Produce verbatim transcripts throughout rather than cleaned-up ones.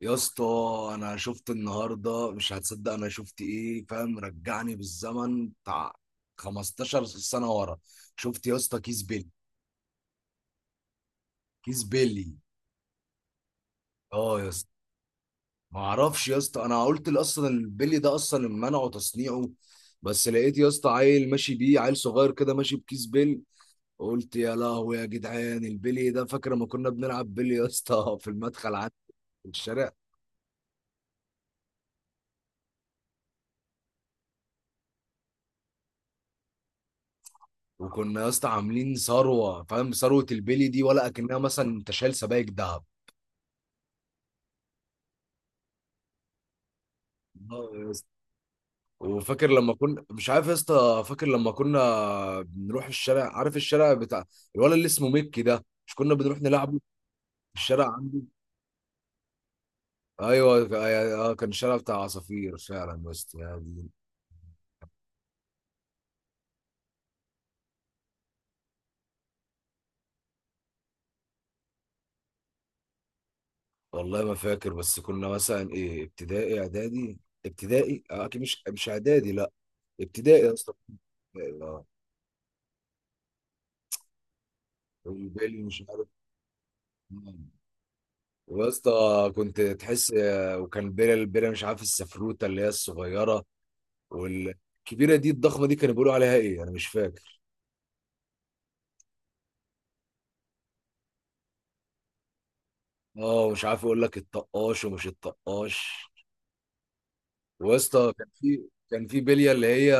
يا اسطى، انا شفت النهارده مش هتصدق انا شفت ايه فاهم. رجعني بالزمن بتاع 15 سنه ورا. شفت يا اسطى كيس بيلي. كيس بيلي، اه يا اسطى. ما اعرفش يا اسطى، انا قلت لي اصلا البيلي ده اصلا منعه تصنيعه، بس لقيت يا اسطى عيل ماشي بيه، عيل صغير كده ماشي بكيس بيلي. قلت يا لهوي يا جدعان، البيلي ده! فاكر ما كنا بنلعب بيلي يا اسطى في المدخل عندي، في الشارع؟ وكنا يا اسطى عاملين ثروه فاهم، ثروه البلي دي ولا اكنها مثلا انت شايل سبايك دهب. اه يا اسطى. وفاكر لما كنا مش عارف يا اسطى، فاكر لما كنا بنروح الشارع، عارف الشارع بتاع الولد اللي اسمه ميكي ده، مش كنا بنروح نلعبه في الشارع عنده؟ ايوه، ك- اه كان الشارع بتاع عصافير فعلا يا اسطى، يا دين. والله ما فاكر، بس كنا مثلا ايه، ابتدائي اعدادي؟ ابتدائي، اه اكيد، مش مش اعدادي، لا. ابتدائي يا اسطى. ابتدائي، اه. والبالي مش عارف. ويا اسطى كنت تحس، وكان بيرة، البيرة مش عارف، السفروتة اللي هي الصغيرة، والكبيرة دي الضخمة دي كانوا بيقولوا عليها ايه، انا مش فاكر. اه مش عارف اقول لك، الطقاش ومش الطقاش. ويا اسطى كان في، كان في بلية اللي هي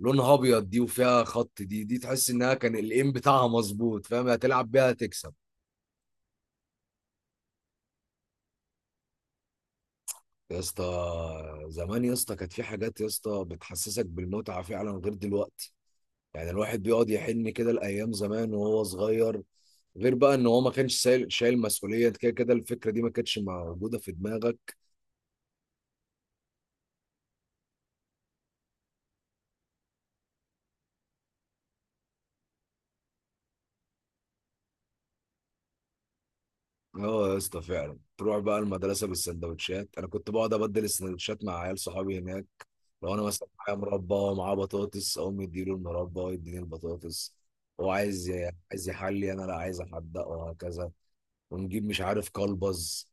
لونها ابيض دي، وفيها خط. دي دي تحس انها كان الايم بتاعها مظبوط، فاهم؟ هتلعب بيها هتكسب. يا اسطى، زمان يا اسطى كانت في حاجات يا اسطى بتحسسك بالمتعة فعلا غير دلوقتي. يعني الواحد بيقعد يحن كده لأيام زمان وهو صغير، غير بقى ان هو ما كانش شايل، شايل مسؤولية. أنت كده كده الفكرة دي ما كانتش موجودة في دماغك. اه يا اسطى فعلا، تروح بقى المدرسة بالسندوتشات. انا كنت بقعد ابدل السندوتشات مع عيال صحابي هناك. لو انا مثلا معايا مربى ومعاه بطاطس، اقوم يديله المربى ويديني البطاطس. هو عايز ي- عايز يحلي، انا لا عايز احدق، وهكذا. ونجيب مش عارف كلبز،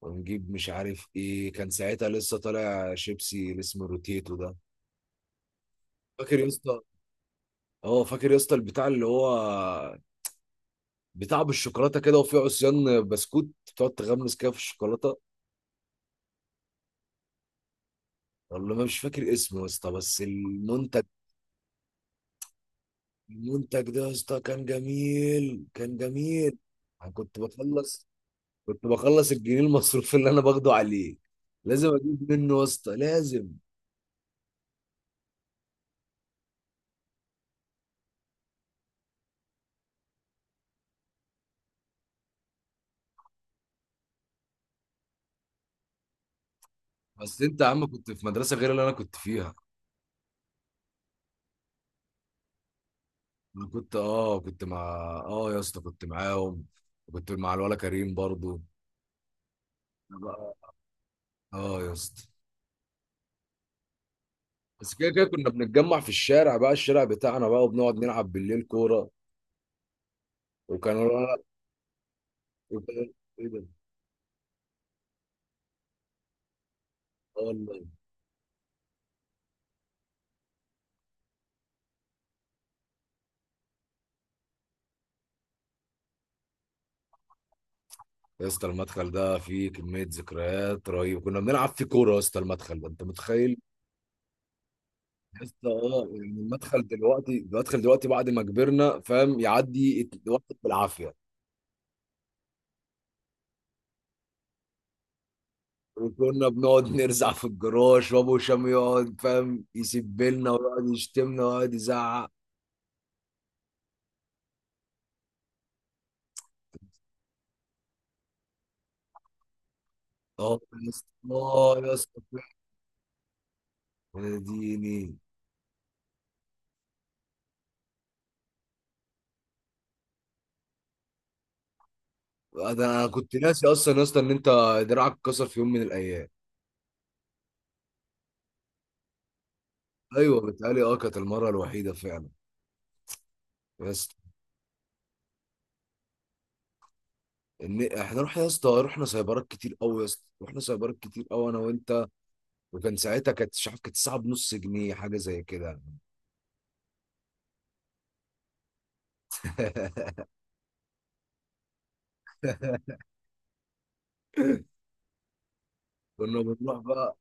ونجيب مش عارف ايه. كان ساعتها لسه طالع شيبسي اللي اسمه روتيتو ده، فاكر يا اسطى؟ اه فاكر يا اسطى، البتاع اللي هو بتاع بالشوكولاته كده، وفيه عصيان بسكوت بتقعد تغمس كده في الشوكولاته. والله ما مش فاكر اسمه يا اسطى، بس المنتج، المنتج ده يا اسطى كان جميل، كان جميل. انا كنت بخلص، كنت بخلص الجنيه المصروف اللي انا باخده عليه، لازم اجيب منه يا اسطى، لازم. بس انت يا عم كنت في مدرسه غير اللي انا كنت فيها. انا كنت، اه كنت مع، اه يا اسطى كنت معاهم، كنت مع الولا كريم برضو. أنا بقى- اه يا اسطى. بس كده كده كنا بنتجمع في الشارع بقى، الشارع بتاعنا بقى، وبنقعد نلعب بالليل كورة. وكانوا، وكان- ايه ده؟ آه والله. يا اسطى المدخل ده فيه كمية ذكريات رهيبة، كنا بنلعب فيه كورة يا اسطى. المدخل ده انت متخيل يا اسطى؟ اه. يعني المدخل دلوقتي، المدخل دلوقتي بعد ما كبرنا فاهم، يعدي ات- وقت بالعافية. وكنا بنقعد نرزع في الجراج، وابو هشام يقعد فاهم يسبلنا ويقعد يشتمنا ويقعد يزعق. اه يا اسطى، اه يا اسطى، يا ديني. انا كنت ناسي اصلا يا اسطى ان انت دراعك اتكسر في يوم من الايام. ايوه بتهيألي، اه كانت المره الوحيده فعلا. يا اسطى، ان احنا رحنا يا اسطى، رحنا سايبرات كتير قوي يا اسطى، رحنا سايبرات كتير قوي انا وانت. وكان ساعتها، كانت مش عارف، كانت الساعه بنص جنيه حاجه زي كده. كنا بنروح بقى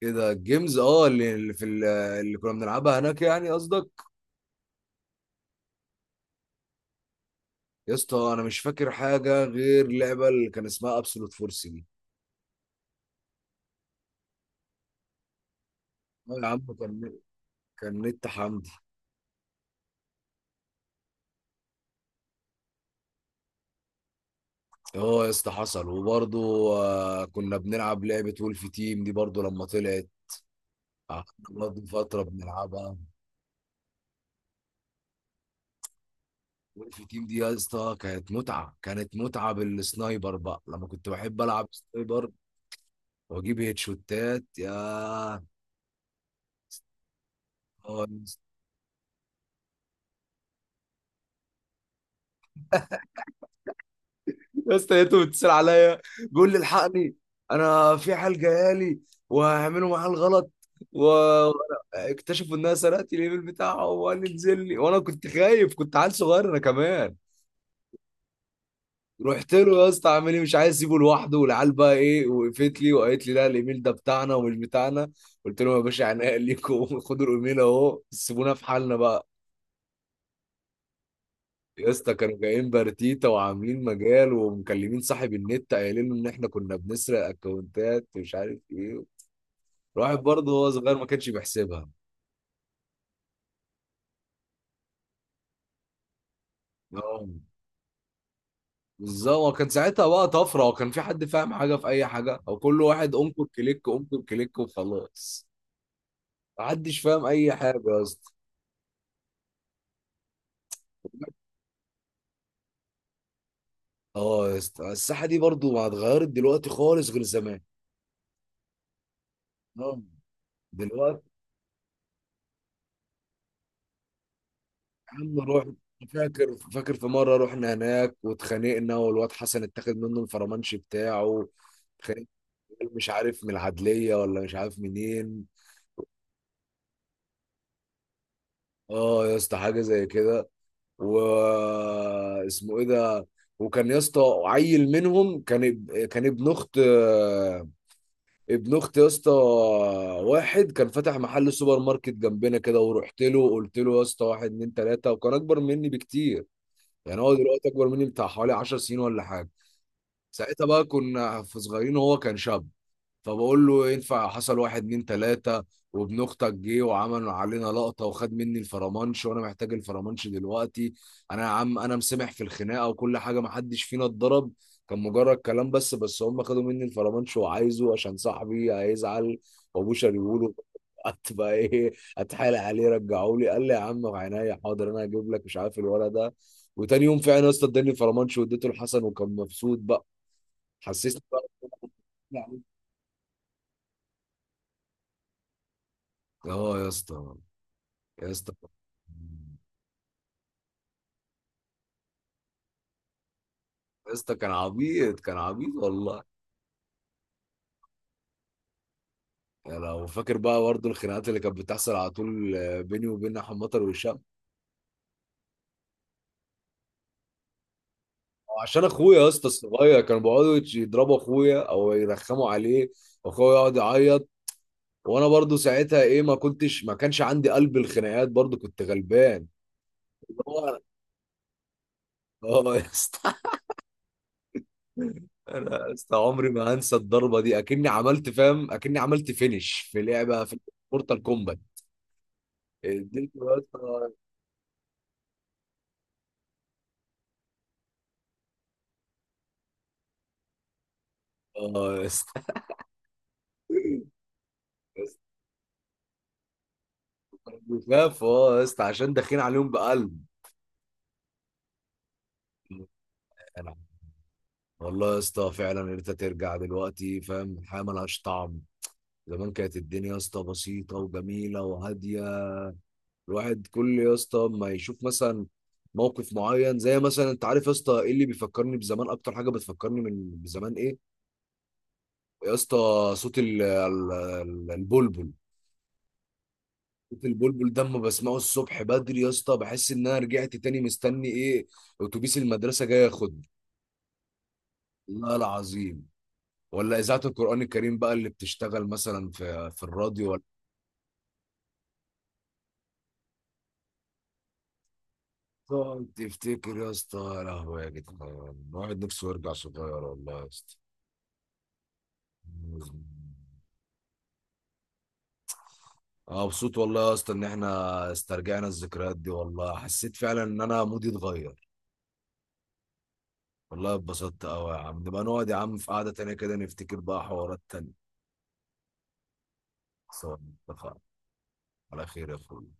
كده الجيمز، اه اللي، اللي في ال- اللي كنا بنلعبها هناك يعني قصدك. يا اسطى انا مش فاكر حاجه غير لعبه اللي كان اسمها ابسولوت فورس دي. آه يا عم، كان، كان نت حمد. اه يا اسطى حصل. وبرضه، آه، كنا بنلعب لعبة وولف تيم دي برضه لما طلعت، قعدنا برضه فترة بنلعبها. وولف تيم دي يا اسطى كانت متعة، كانت متعة بالسنايبر بقى لما كنت بحب ألعب سنايبر وأجيب هيدشوتات. يا اه، يا اسطى، يا اسطى لقيته بيتصل عليا، بيقول لي الحقني، انا في حال جايالي وهعملوا معاه الغلط. واكتشفوا انها سرقت الايميل بتاعه، وقال لي انزل لي، وانا كنت خايف، كنت عيل صغير انا كمان. رحت له يا اسطى، عامل ايه؟ مش عايز اسيبه لوحده. والعيال بقى ايه، وقفت لي وقالت لي لا، الايميل ده بتاعنا ومش بتاعنا. قلت لهم يا باشا عناء ليكم خدوا الايميل اهو، سيبونا في حالنا بقى. يا اسطى كانوا جايين بارتيتا وعاملين مجال ومكلمين صاحب النت قايلين له ان احنا كنا بنسرق اكونتات ومش عارف ايه. الواحد برضه هو صغير، ما كانش بيحسبها. اه بالظبط، وكان ساعتها بقى طفره، وكان في حد فاهم حاجه في اي حاجه؟ وكل واحد انكر كليك، انكر كليك، وخلاص. محدش فاهم اي حاجه يا اسطى. اه يا اسطى. الساحه دي برضو ما اتغيرت دلوقتي خالص غير زمان. اه. دلوقتي عم نروح. فاكر، فاكر في مره رحنا هناك واتخانقنا، والواد حسن اتاخد منه الفرمانش بتاعه. اتخانقنا، مش عارف من العدليه ولا مش عارف منين. اه يا اسطى حاجه زي كده. و اسمه ايه ده؟ وكان يا اسطى عيل منهم كان اب- كان ابن اخت، ابن اختي يا اسطى، واحد كان فاتح محل سوبر ماركت جنبنا كده. ورحت له قلت له يا اسطى، واحد اتنين تلاته، وكان اكبر مني بكتير. يعني هو دلوقتي اكبر مني بتاع حوالي 10 سنين ولا حاجه. ساعتها بقى كنا في صغيرين وهو كان شاب. فبقول له ينفع حصل واحد اتنين تلاتة، وابن اختك جه وعمل علينا لقطة وخد مني الفرمانش، وانا محتاج الفرمانش دلوقتي. انا يا عم انا مسامح في الخناقة وكل حاجة، محدش فينا اتضرب، كان مجرد كلام بس. بس هم خدوا مني الفرمانش، وعايزه عشان صاحبي هيزعل، وابوه شريوله هتبقى ايه؟ اتحايل عليه رجعوا لي، قال لي يا عم عينيا حاضر، انا هجيب لك مش عارف الولد ده. وتاني يوم فعلا يا اسطى اداني الفرمانش، واديته لحسن وكان مبسوط بقى، حسسني بقى. اه يا اسطى. يا اسطى، يا اسطى كان عبيط، كان عبيط والله. يعني لو فاكر بقى برضه الخناقات اللي كانت بتحصل على طول بيني وبين احمد مطر وهشام. عشان اخويا يا اسطى الصغير، كانوا بيقعدوا يضربوا اخويا او يرخموا عليه، واخويا يقعد يعيط، وانا برضه ساعتها ايه، ما كنتش، ما كانش عندي قلب الخناقات، برضه كنت غلبان. اه يا اسطى. انا يا اسطى عمري ما هنسى الضربه دي، اكني عملت فاهم، اكني عملت فينش في لعبه في مورتال كومبات. اديته يا اسطى، اه يا اسطى. يا اسطى خفاف، اه يا اسطى، عشان داخلين عليهم بقلب. أنا- والله يا اسطى فعلا ان انت ترجع دلوقتي فاهم، الحياه ملهاش طعم. زمان كانت الدنيا يا اسطى بسيطه وجميله وهاديه. الواحد كل يا اسطى ما يشوف مثلا موقف معين زي مثلا، انت عارف يا اسطى ايه اللي بيفكرني بزمان، اكتر حاجه بتفكرني من بزمان ايه؟ يا اسطى، صوت ال- ال- ال- البلبل. في البلبل ده اما بسمعه الصبح بدري يا اسطى بحس ان انا رجعت تاني مستني ايه، اتوبيس المدرسه جاي ياخدني. والله العظيم. ولا اذاعه القران الكريم بقى اللي بتشتغل مثلا في في الراديو، ولا تقعد تفتكر يا اسطى، يا لهوي يا جدعان، الواحد نفسه يرجع صغير والله يا اسطى. اه مبسوط والله يا اسطى ان احنا استرجعنا الذكريات دي، والله حسيت فعلا ان انا مودي اتغير. والله اتبسطت قوي يا عم، نبقى نقعد يا عم في قعده تانيه كده، نفتكر بقى حوارات تانيه. سواء، اتفقنا. على خير يا اخوي.